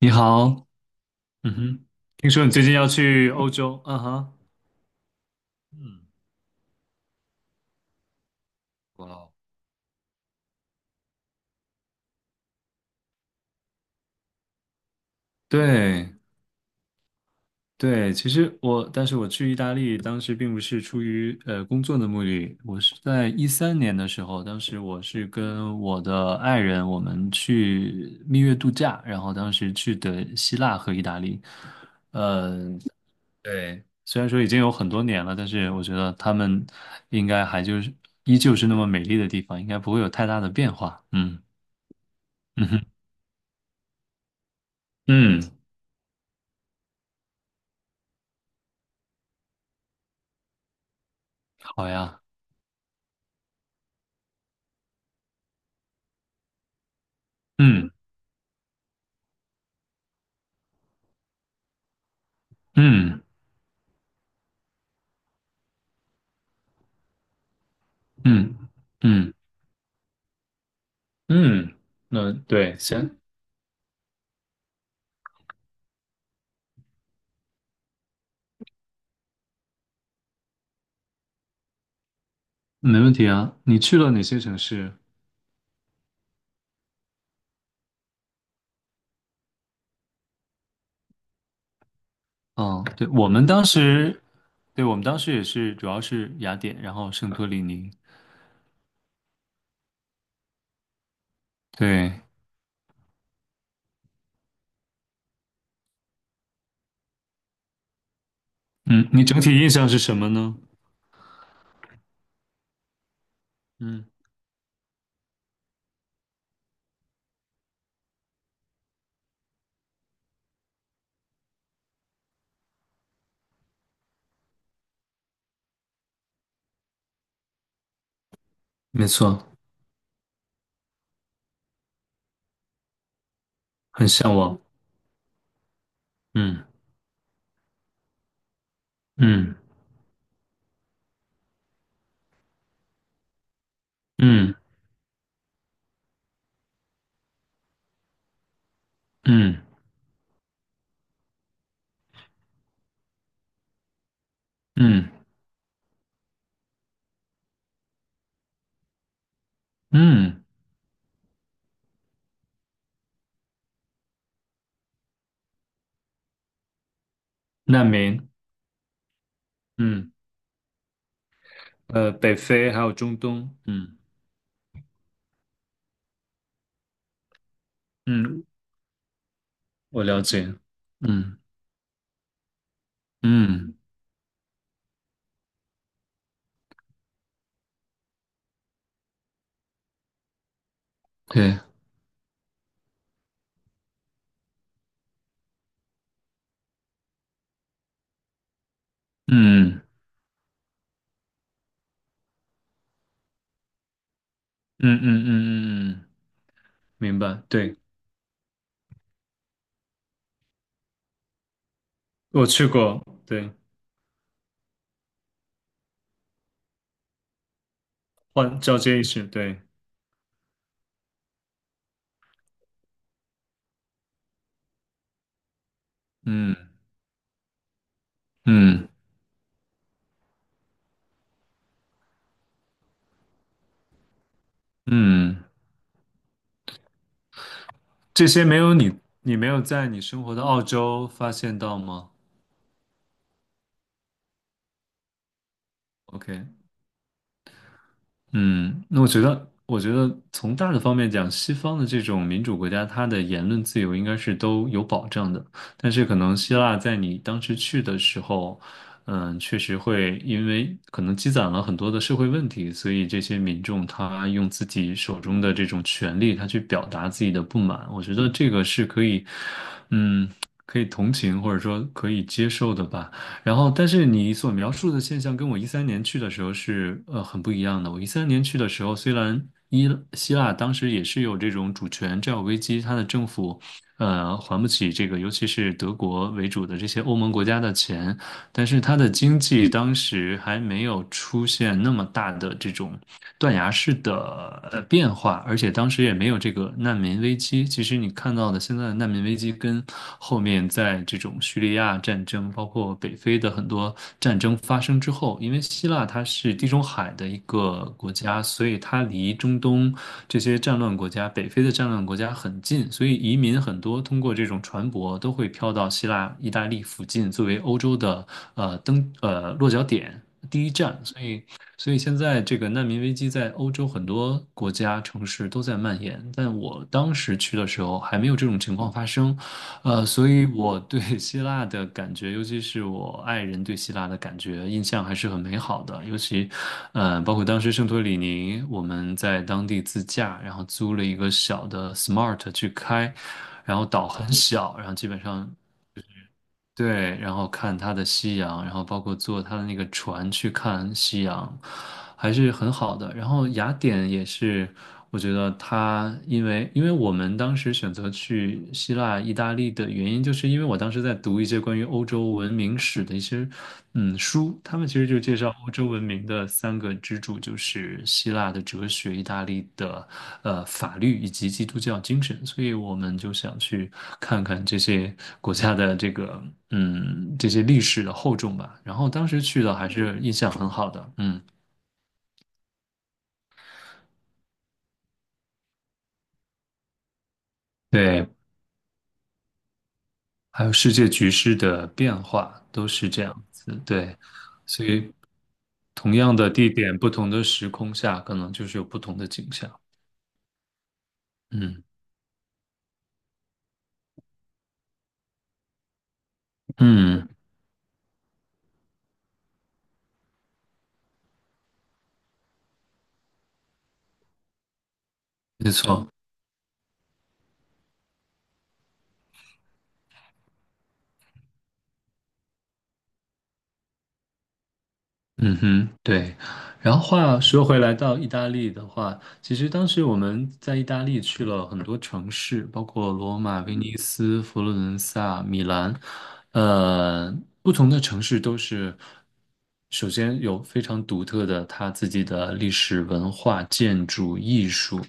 你好，嗯哼，听说你最近要去欧洲，嗯哼，嗯，哇哦对对，其实我，但是我去意大利当时并不是出于工作的目的，我是在一三年的时候，当时我是跟我的爱人我们去蜜月度假，然后当时去的希腊和意大利，嗯、对，虽然说已经有很多年了，但是我觉得他们应该还就是依旧是那么美丽的地方，应该不会有太大的变化，嗯。嗯哼，嗯，好呀，嗯嗯嗯嗯嗯，那对，行，没问题啊。你去了哪些城市？嗯，对，我们当时，对，我们当时也是，主要是雅典，然后圣托里尼。对，嗯，你整体印象是什么呢？嗯，没错，很向往。嗯嗯嗯嗯嗯嗯，难民。嗯，北非还有中东。嗯嗯，我了解。嗯。嗯，对，嗯嗯嗯嗯嗯嗯，明白。对，我去过，对，换交接仪式，对，嗯嗯嗯，这些没有你，没有在你生活的澳洲发现到吗？OK，嗯，那我觉得从大的方面讲，西方的这种民主国家，它的言论自由应该是都有保障的。但是可能希腊在你当时去的时候，确实会因为可能积攒了很多的社会问题，所以这些民众他用自己手中的这种权利，他去表达自己的不满。我觉得这个是可以，嗯，可以同情或者说可以接受的吧。然后，但是你所描述的现象跟我一三年去的时候是很不一样的。我一三年去的时候，虽然伊希腊当时也是有这种主权债务危机，它的政府还不起这个，尤其是德国为主的这些欧盟国家的钱，但是它的经济当时还没有出现那么大的这种。断崖式的变化，而且当时也没有这个难民危机。其实你看到的现在的难民危机，跟后面在这种叙利亚战争，包括北非的很多战争发生之后，因为希腊它是地中海的一个国家，所以它离中东这些战乱国家、北非的战乱国家很近，所以移民很多通过这种船舶都会飘到希腊、意大利附近，作为欧洲的呃登呃落脚点。第一站，所以现在这个难民危机在欧洲很多国家、城市都在蔓延，但我当时去的时候还没有这种情况发生，所以我对 希腊的感觉，尤其是我爱人对希腊的感觉，印象还是很美好的。尤其，包括当时圣托里尼，我们在当地自驾，然后租了一个小的 Smart 去开，然后岛很小，然后基本上对，然后看它的夕阳，然后包括坐它的那个船去看夕阳，还是很好的。然后雅典也是，我觉得它因为我们当时选择去希腊、意大利的原因，就是因为我当时在读一些关于欧洲文明史的一些书，他们其实就介绍欧洲文明的3个支柱，就是希腊的哲学、意大利的法律以及基督教精神，所以我们就想去。看看这些国家的这个 这些历史的厚重吧。然后当时去的还是印象很好的，嗯，对，还有世界局势的变化都是这样子，对，所以同样的地点，不同的时空下，可能就是有不同的景象。嗯嗯，没错。嗯哼，对。然后话说回来，到意大利的话，其实当时我们在意大利去了很多城市，包括罗马、威尼斯、佛罗伦萨、米兰，呃，不同的城市都是首先有非常独特的它自己的历史文化、建筑、艺术，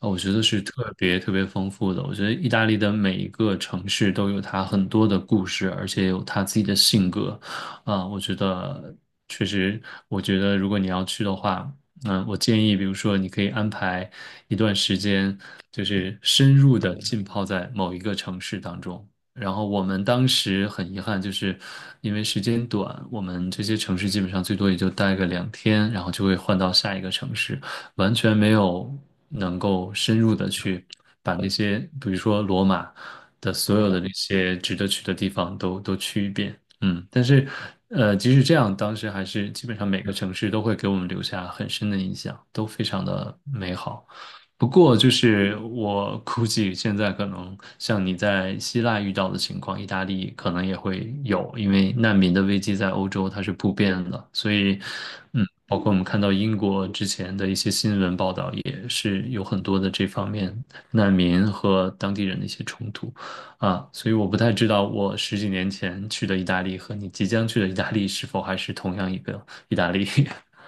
我觉得是特别特别丰富的。我觉得意大利的每一个城市都有它很多的故事，而且有它自己的性格。啊，我觉得确实，我觉得如果你要去的话，嗯，我建议，比如说你可以安排一段时间，就是深入的浸泡在某一个城市当中。然后我们当时很遗憾，就是因为时间短，我们这些城市基本上最多也就待个2天，然后就会换到下一个城市，完全没有能够深入的去把那些，比如说罗马的所有的那些值得去的地方都去一遍。嗯，但是，即使这样，当时还是基本上每个城市都会给我们留下很深的印象，都非常的美好。不过，就是我估计现在可能像你在希腊遇到的情况，意大利可能也会有，因为难民的危机在欧洲它是普遍的，所以，包括我们看到英国之前的一些新闻报道，也是有很多的这方面难民和当地人的一些冲突。啊，所以我不太知道我十几年前去的意大利和你即将去的意大利是否还是同样一个意大利。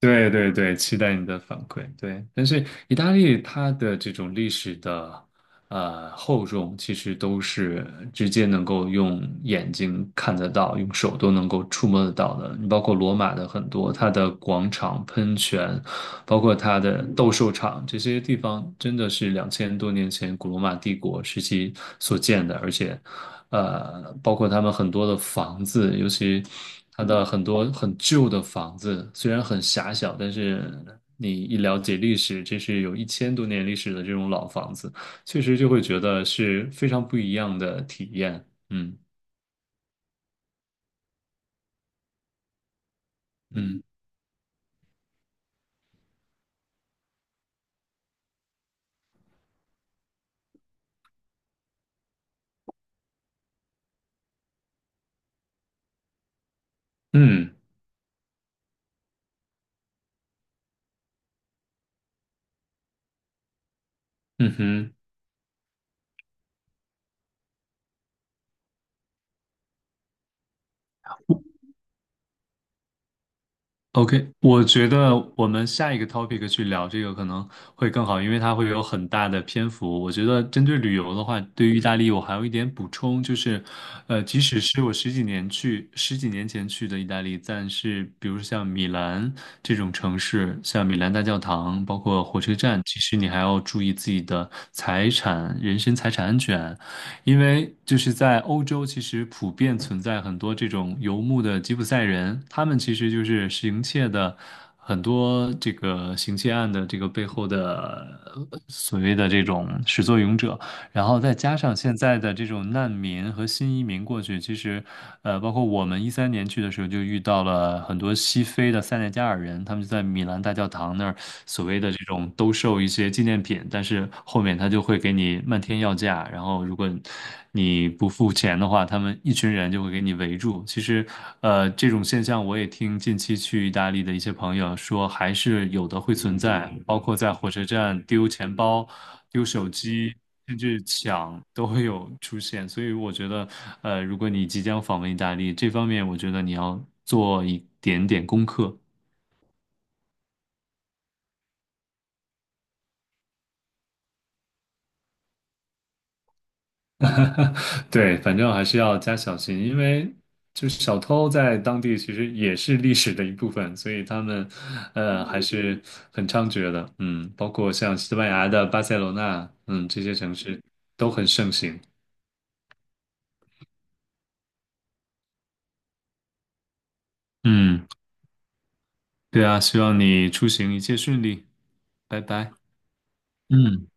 对对对，期待你的反馈。对，但是意大利它的这种历史的厚重，其实都是直接能够用眼睛看得到，用手都能够触摸得到的。你包括罗马的很多，它的广场、喷泉，包括它的斗兽场，这些地方真的是2000多年前古罗马帝国时期所建的，而且包括他们很多的房子，尤其它的很多很旧的房子，虽然很狭小，但是你一了解历史，这是有1000多年历史的这种老房子，确实就会觉得是非常不一样的体验。嗯嗯嗯嗯哼。OK，我觉得我们下一个 topic 去聊这个可能会更好，因为它会有很大的篇幅。我觉得针对旅游的话，对于意大利我还有一点补充，就是，即使是我十几年前去的意大利，但是比如像米兰这种城市，像米兰大教堂，包括火车站，其实你还要注意自己的财产、人身财产安全，因为就是在欧洲，其实普遍存在很多这种游牧的吉普赛人，他们其实就是行窃的很多这个行窃案的这个背后的所谓的这种始作俑者。然后再加上现在的这种难民和新移民过去，其实，包括我们一三年去的时候，就遇到了很多西非的塞内加尔人，他们就在米兰大教堂那儿所谓的这种兜售一些纪念品，但是后面他就会给你漫天要价，然后如果你不付钱的话，他们一群人就会给你围住。其实，这种现象我也听近期去意大利的一些朋友说，还是有的会存在，包括在火车站丢钱包。丢手机，甚至抢都会有出现。所以我觉得，如果你即将访问意大利，这方面我觉得你要做一点点功课。对，反正还是要加小心，因为就是小偷在当地其实也是历史的一部分，所以他们，还是很猖獗的。嗯，包括像西班牙的巴塞罗那，嗯，这些城市都很盛行。嗯，对啊，希望你出行一切顺利，拜拜。嗯。